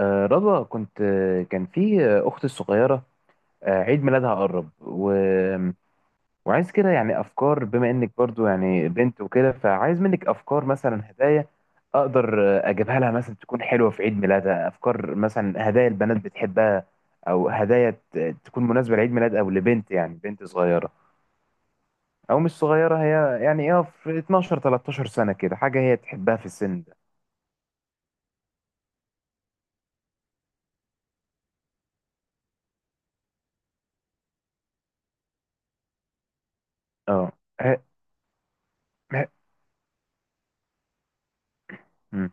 رضوى، كنت كان في أختي الصغيرة، عيد ميلادها قرب، وعايز كده، يعني أفكار بما إنك برضو يعني بنت وكده، فعايز منك أفكار مثلا هدايا أقدر أجيبها لها، مثلا تكون حلوة في عيد ميلادها. أفكار مثلا هدايا البنات بتحبها، أو هدايا تكون مناسبة لعيد ميلاد أو لبنت، يعني بنت صغيرة، أو مش صغيرة هي، يعني إيه، في 12 13 سنة كده، حاجة هي تحبها في السن ده. أه. ه- ه- مم.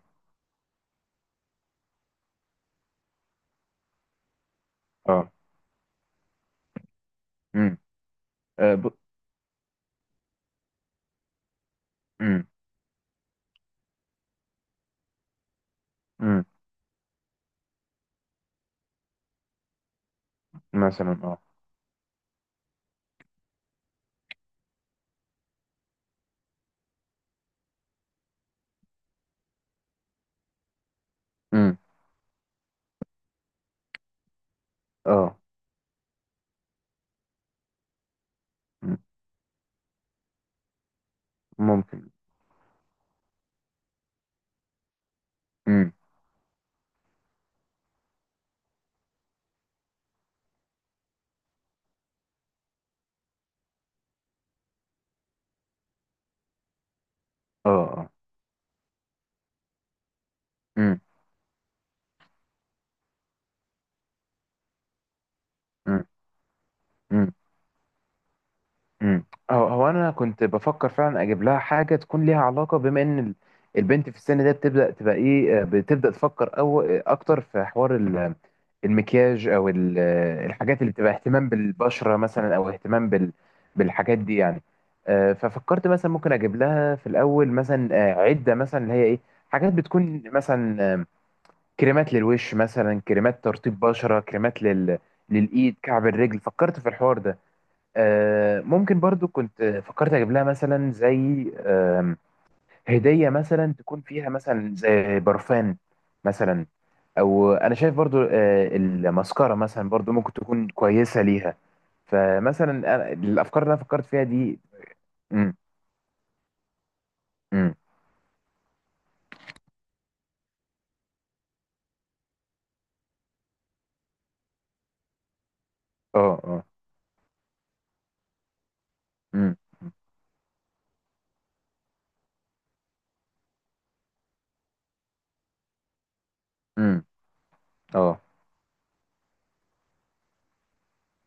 أه. مم. آه، ب- مم. مم. مثلا. اه. امم. اه. مم. ممكن. امم. اه. اه. امم. امم. امم. امم. هو انا كنت بفكر فعلا اجيب لها حاجه تكون ليها علاقه، بما ان البنت في السن ده بتبدا تبقى ايه، بتبدا تفكر او اكتر في حوار المكياج، او الحاجات اللي بتبقى اهتمام بالبشره مثلا، او اهتمام بالحاجات دي يعني. ففكرت مثلا ممكن اجيب لها في الاول مثلا عده، مثلا اللي هي ايه، حاجات بتكون مثلا كريمات للوش، مثلا كريمات ترطيب بشرة، كريمات للإيد، كعب الرجل، فكرت في الحوار ده. ممكن برضو كنت فكرت أجيب لها مثلا زي هدية مثلا تكون فيها مثلا زي برفان مثلا. أو أنا شايف برضو المسكرة مثلا برضو ممكن تكون كويسة ليها. فمثلا الأفكار اللي أنا فكرت فيها دي. مم. مم. اه. اه. مم. مم. اه.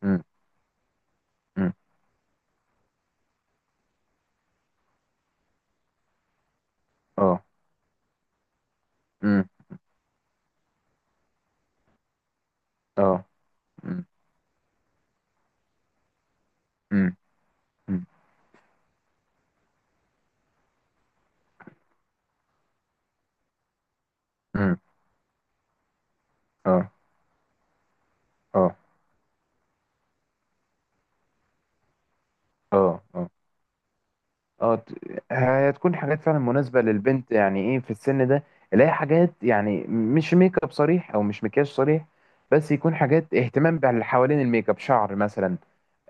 مم. مم. اه. مم. اه. مم. مم. مم. مم. اه. اه. اه. اه. اه. هتكون حاجات فعلا مناسبة للبنت، يعني ايه في السن ده، اللي هي حاجات يعني مش ميك اب صريح او مش مكياج صريح، بس يكون حاجات اهتمام باللي حوالين الميك اب، شعر مثلا،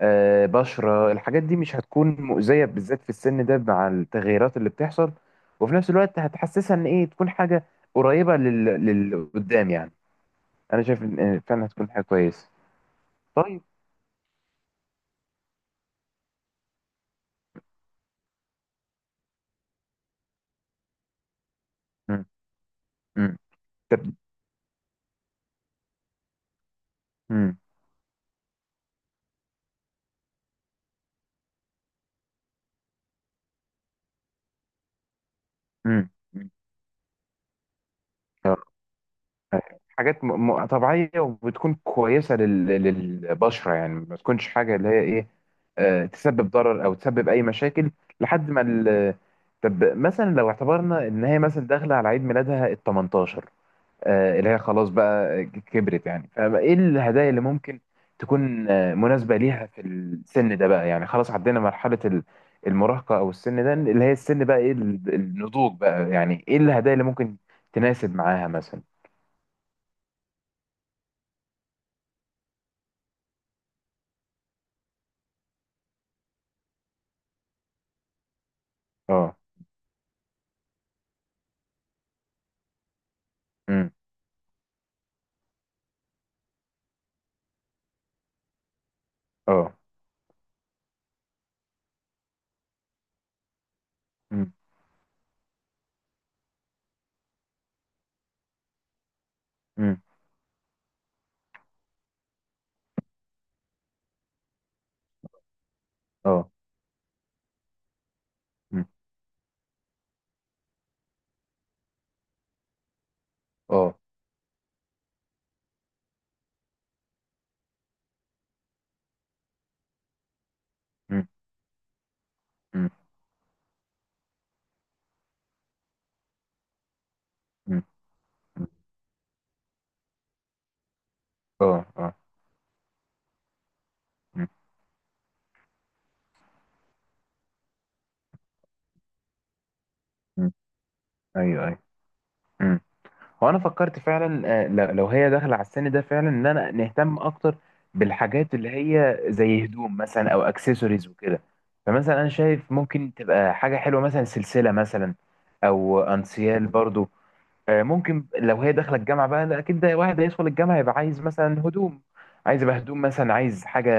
بشرة. الحاجات دي مش هتكون مؤذية بالذات في السن ده مع التغيرات اللي بتحصل، وفي نفس الوقت هتحسسها ان ايه تكون حاجة قريبة لل قدام يعني. انا شايف إن فعلا هتكون حاجة كويسة. طيب. مم. مم. طب. مم. مم. مم. حاجات طبيعية وبتكون كويسة للبشرة، يعني ما تكونش حاجة اللي هي إيه تسبب ضرر أو تسبب أي مشاكل لحد ما طب مثلا لو اعتبرنا إن هي مثلا داخلة على عيد ميلادها ال 18، اللي هي خلاص بقى كبرت يعني، فإيه الهدايا اللي ممكن تكون مناسبة ليها في السن ده بقى، يعني خلاص عدينا مرحلة المراهقة أو السن ده، اللي هي السن بقى إيه النضوج بقى، يعني إيه الهدايا اللي ممكن تناسب معاها مثلا؟ اه. اه. مم. مم. اه. مم. اه. مم. مم. مم. مم. اه. اه. مم. مم. ايوه. ايوه. مم. هو انا فكرت فعلا، لو هي داخله على السن ده فعلا، ان انا نهتم اكتر بالحاجات اللي هي زي هدوم مثلا، او اكسسوارز وكده. فمثلا انا شايف ممكن تبقى حاجه حلوه، مثلا سلسله مثلا، او انسيال برضو. ممكن لو هي داخله الجامعه بقى، لا اكيد، ده واحد هيدخل الجامعه يبقى عايز مثلا هدوم، عايز يبقى هدوم مثلا، عايز حاجه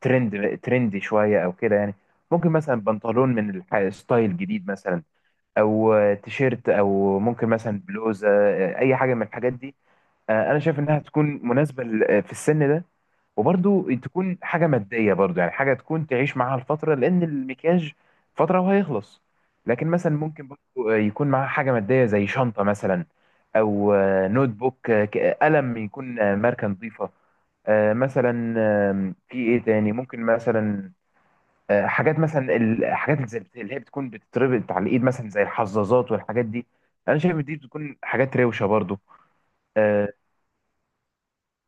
ترندي شويه او كده يعني. ممكن مثلا بنطلون من ستايل جديد مثلا، او تيشيرت، او ممكن مثلا بلوزه، اي حاجه من الحاجات دي. انا شايف انها تكون مناسبه في السن ده، وبرضو تكون حاجه ماديه برضو، يعني حاجه تكون تعيش معاها الفتره، لان المكياج فتره وهيخلص. لكن مثلا ممكن برضو يكون معاها حاجه ماديه زي شنطه مثلا، او نوت بوك، قلم يكون ماركه نظيفه مثلا. في ايه تاني ممكن مثلا؟ حاجات مثلا، الحاجات اللي اللي هي بتكون بتتربط على الايد، مثلا زي الحظاظات والحاجات دي. انا شايف دي بتكون حاجات روشه برضو. اه.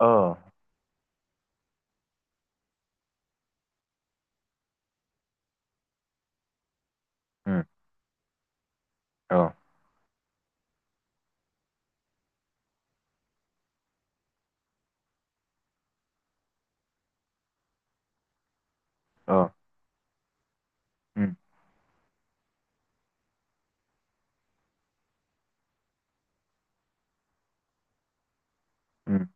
آه. اه. اه. امم. امم.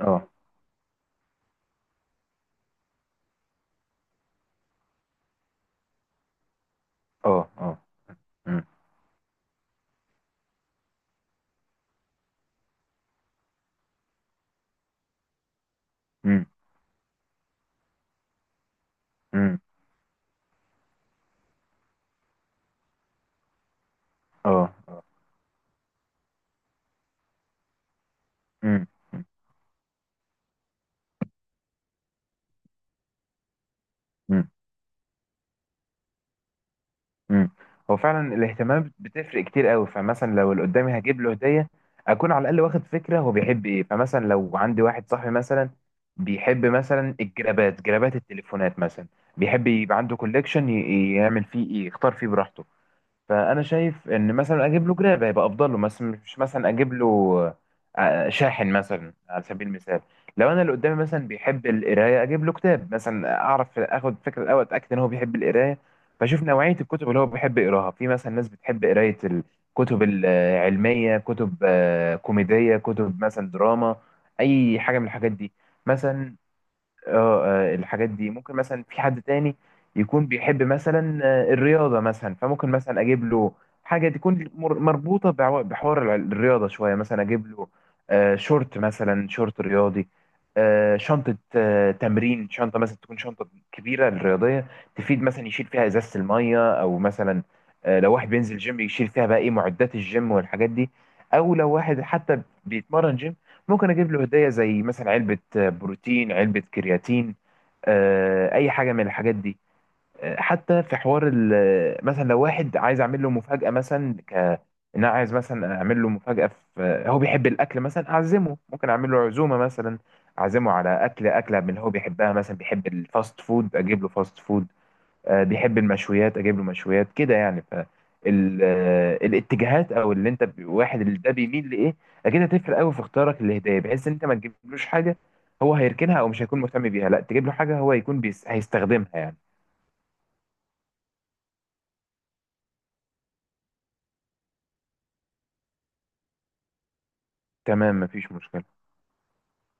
اه. اه. اه. امم. امم. امم. اه. اه. امم. امم. امم. هو فعلا الاهتمام بتفرق كتير قوي. فمثلا لو اللي قدامي هجيب له هديه، اكون على الاقل واخد فكره هو بيحب ايه. فمثلا لو عندي واحد صاحبي مثلا بيحب مثلا الجرابات، جرابات التليفونات مثلا، بيحب يبقى عنده كوليكشن يعمل فيه ايه، يختار فيه براحته. فانا شايف ان مثلا اجيب له جراب هيبقى افضل له، مثلا مش مثلا اجيب له شاحن مثلا، على سبيل المثال. لو انا اللي قدامي مثلا بيحب القرايه، اجيب له كتاب مثلا، اعرف اخد فكره الاول، اتاكد ان هو بيحب القرايه، فاشوف نوعيه الكتب اللي هو بيحب يقراها. في مثلا ناس بتحب قرايه الكتب العلميه، كتب كوميديه، كتب مثلا دراما، اي حاجه من الحاجات دي مثلا. اه، الحاجات دي ممكن مثلا في حد تاني يكون بيحب مثلا الرياضة مثلا، فممكن مثلا أجيب له حاجة تكون مربوطة بحوار الرياضة شوية، مثلا أجيب له شورت، مثلا شورت رياضي، شنطة تمرين، شنطة مثلا تكون شنطة كبيرة الرياضية، تفيد مثلا يشيل فيها إزازة المية، أو مثلا لو واحد بينزل جيم يشيل فيها بقى إيه معدات الجيم والحاجات دي. أو لو واحد حتى بيتمرن جيم، ممكن اجيب له هديه زي مثلا علبه بروتين، علبه كرياتين، اي حاجه من الحاجات دي. حتى في حوار مثلا لو واحد عايز اعمل له مفاجاه مثلا، إن انا عايز مثلا اعمل له مفاجاه، في هو بيحب الاكل مثلا اعزمه، ممكن اعمل له عزومه مثلا، اعزمه على اكل اكله من اللي هو بيحبها، مثلا بيحب الفاست فود اجيب له فاست فود، بيحب المشويات اجيب له مشويات كده يعني. ف ال- آه، الاتجاهات او اللي انت واحد اللي ده بيميل لايه، اكيد هتفرق قوي في اختيارك للهدايا، بحيث ان انت ما تجيبلوش حاجه هو هيركنها او مش هيكون مهتم بيها، لا تجيب له حاجه هو يكون هيستخدمها يعني. تمام، مفيش مشكله.